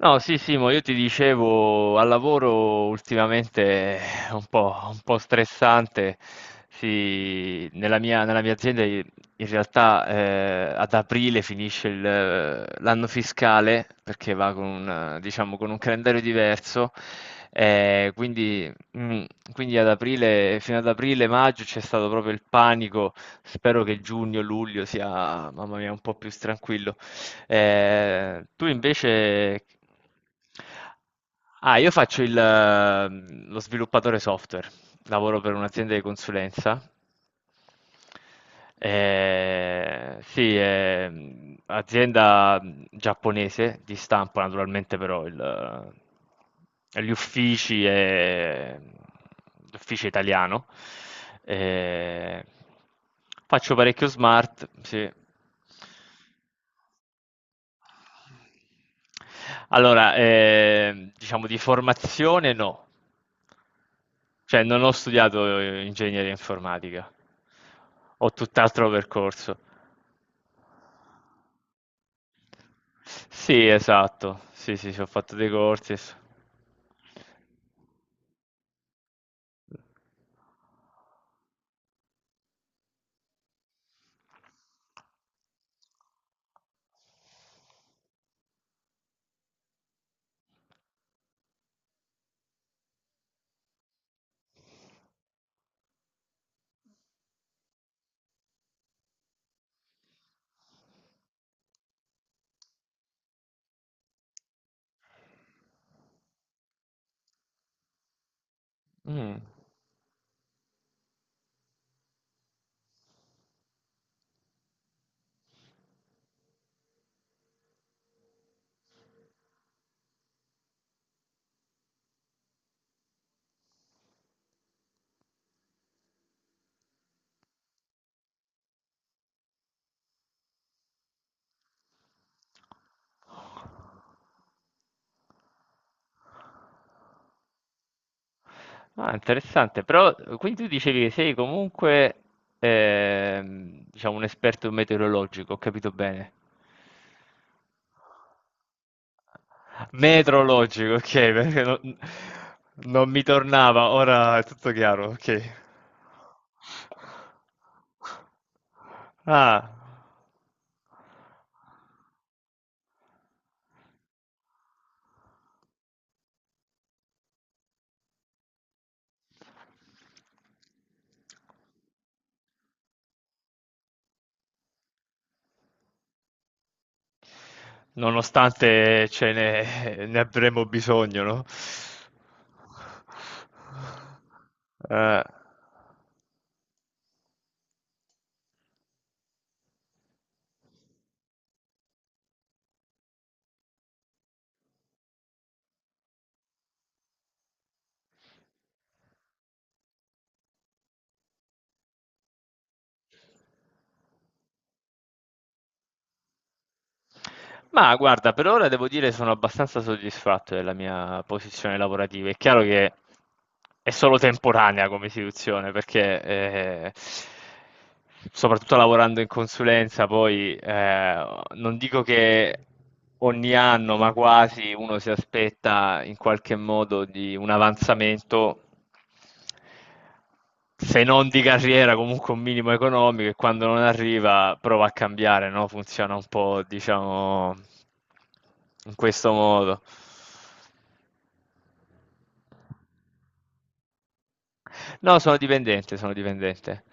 No, sì, Simo, io ti dicevo, al lavoro ultimamente è un po' stressante. Sì, nella mia azienda in realtà ad aprile finisce l'anno fiscale perché va con diciamo, con un calendario diverso. eh, quindi, mm, quindi ad aprile, fino ad aprile, maggio c'è stato proprio il panico. Spero che giugno, luglio sia, mamma mia, un po' più tranquillo. Tu invece... Ah, io faccio lo sviluppatore software, lavoro per un'azienda di consulenza. Sì, è azienda giapponese di stampo, naturalmente però il, gli uffici è l'ufficio italiano. Eh, faccio parecchio smart, sì. Allora, diciamo di formazione no, cioè non ho studiato ingegneria informatica, ho tutt'altro percorso. Sì, esatto, sì, sì, sì, ho fatto dei corsi. Mm. Ah, interessante, però quindi tu dicevi che sei comunque diciamo un esperto meteorologico, ho capito bene. Metrologico, ok, perché non, non mi tornava, ora è tutto chiaro, ok. Ah, ne avremo bisogno, no? Eh. Ma guarda, per ora devo dire sono abbastanza soddisfatto della mia posizione lavorativa. È chiaro che è solo temporanea come istituzione, perché soprattutto lavorando in consulenza, poi non dico che ogni anno, ma quasi uno si aspetta in qualche modo di un avanzamento se non di carriera, comunque un minimo economico e quando non arriva prova a cambiare, no? Funziona un po', diciamo, in questo modo. No, sono dipendente, sono dipendente.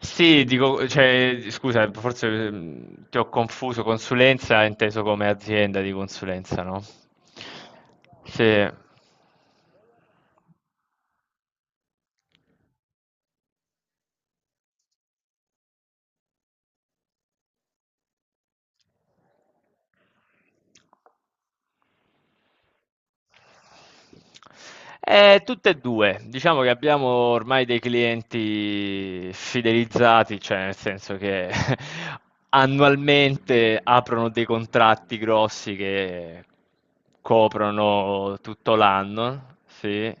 Sì, dico, cioè, scusa, forse ti ho confuso, consulenza è inteso come azienda di consulenza, no? Sì. Tutte e due, diciamo che abbiamo ormai dei clienti fidelizzati, cioè nel senso che annualmente aprono dei contratti grossi che coprono tutto l'anno, sì.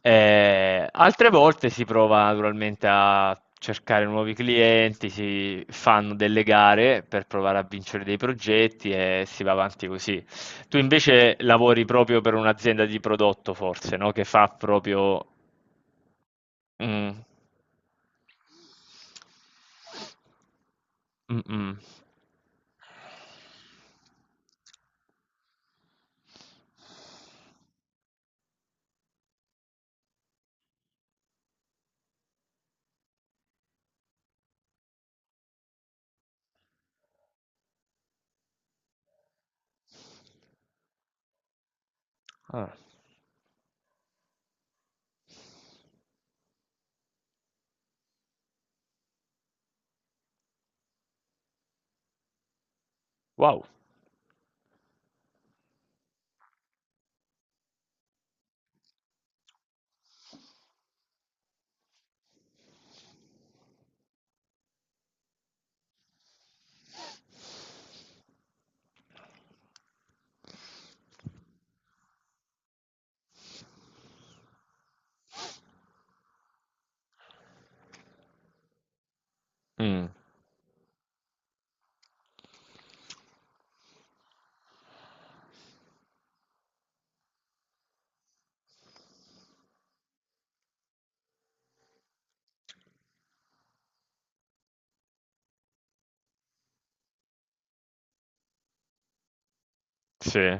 Altre volte si prova naturalmente a cercare nuovi clienti, si fanno delle gare per provare a vincere dei progetti e si va avanti così. Tu invece lavori proprio per un'azienda di prodotto, forse, no? Che fa proprio... Mm, mm. Ah, wow. Mm, sì.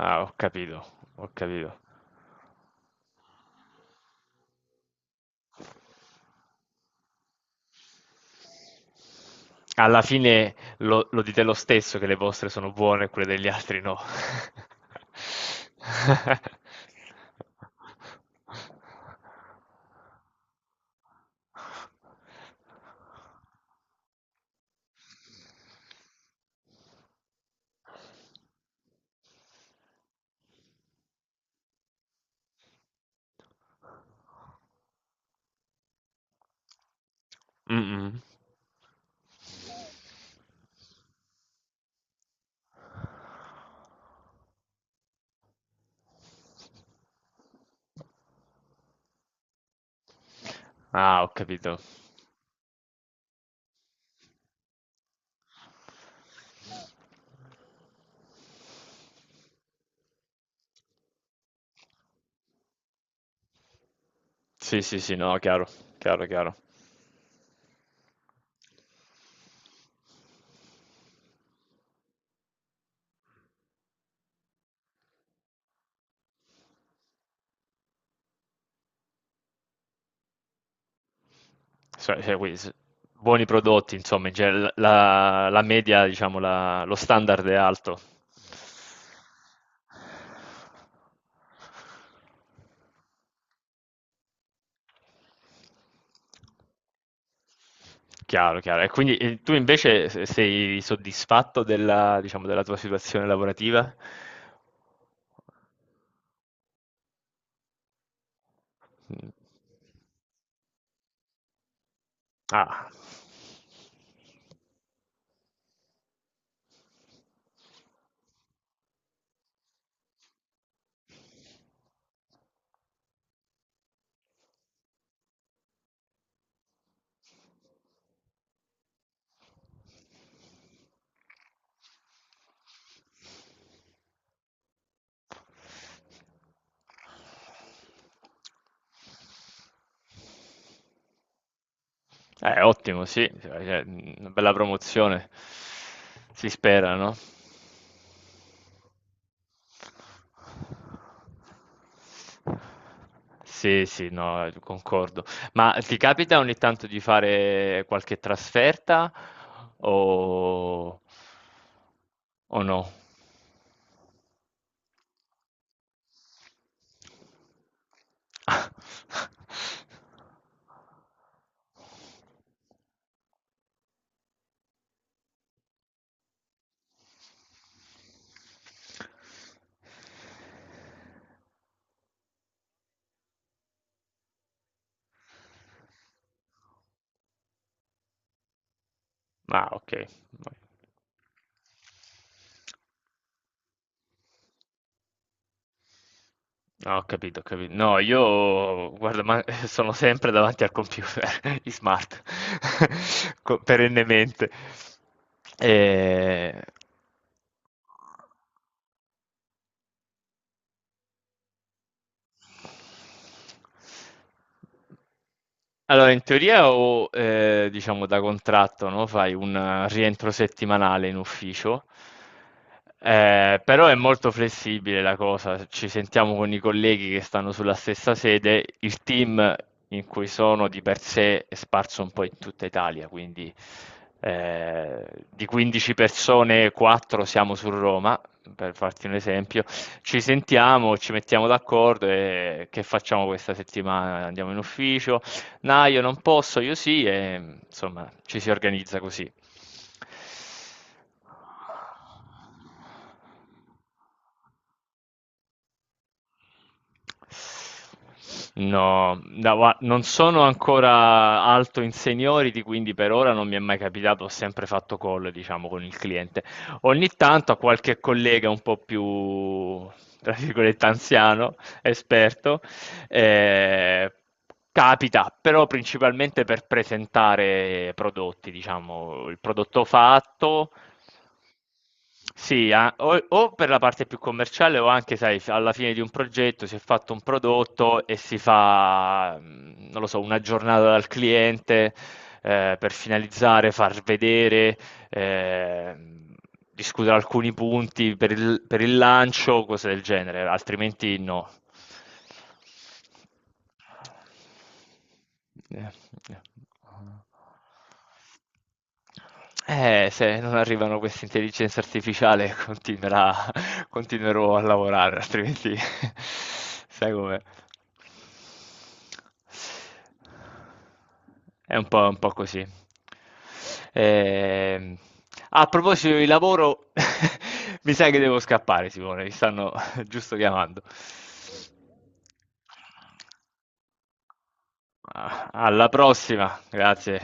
Ah, ho capito, ho capito. Alla fine lo dite lo stesso che le vostre sono buone e quelle degli altri no. Mh-mh. Ah, ho capito. Sì, sì, sì, no, chiaro, chiaro, chiaro. So cioè quindi s buoni prodotti insomma, in genere l la media diciamo la lo standard è alto. Chiaro, chiaro. E quindi, tu invece se sei soddisfatto della diciamo della tua situazione lavorativa? Mh. Ah. Ottimo, sì, cioè, una bella promozione, si spera, no? Sì, sì, no, concordo. Ma ti capita ogni tanto di fare qualche o, o no? Ma ok. No, ho capito, ho capito. No, io guarda, ma sono sempre davanti al computer, i smart, perennemente. Eh, Allora, in teoria o diciamo da contratto, no? Fai un rientro settimanale in ufficio, però è molto flessibile la cosa. Ci sentiamo con i colleghi che stanno sulla stessa sede, il team in cui sono di per sé è sparso un po' in tutta Italia, quindi di 15 persone, 4 siamo su Roma per farti un esempio, ci sentiamo, ci mettiamo d'accordo e che facciamo questa settimana? Andiamo in ufficio? No, io non posso, io sì, e insomma ci si organizza così. No, da gua non sono ancora alto in seniority, quindi per ora non mi è mai capitato, ho sempre fatto call, diciamo, con il cliente. Ogni tanto a qualche collega un po' più, tra virgolette, anziano, esperto, eh, capita, però principalmente per presentare prodotti, diciamo, il prodotto fatto, sì, o per la parte più commerciale o anche, sai, alla fine di un progetto si è fatto un prodotto e si fa, non lo so, una giornata dal cliente per finalizzare, far vedere, ehm, discutere alcuni punti per il lancio, cose del genere, altrimenti no. Eh, eh. Se non arrivano queste intelligenze artificiali continuerà continuerò a lavorare, altrimenti sai com'è. È un po' così. Ehm, a proposito di lavoro, mi sa che devo scappare, Simone, mi stanno giusto chiamando. Ah, alla prossima, grazie.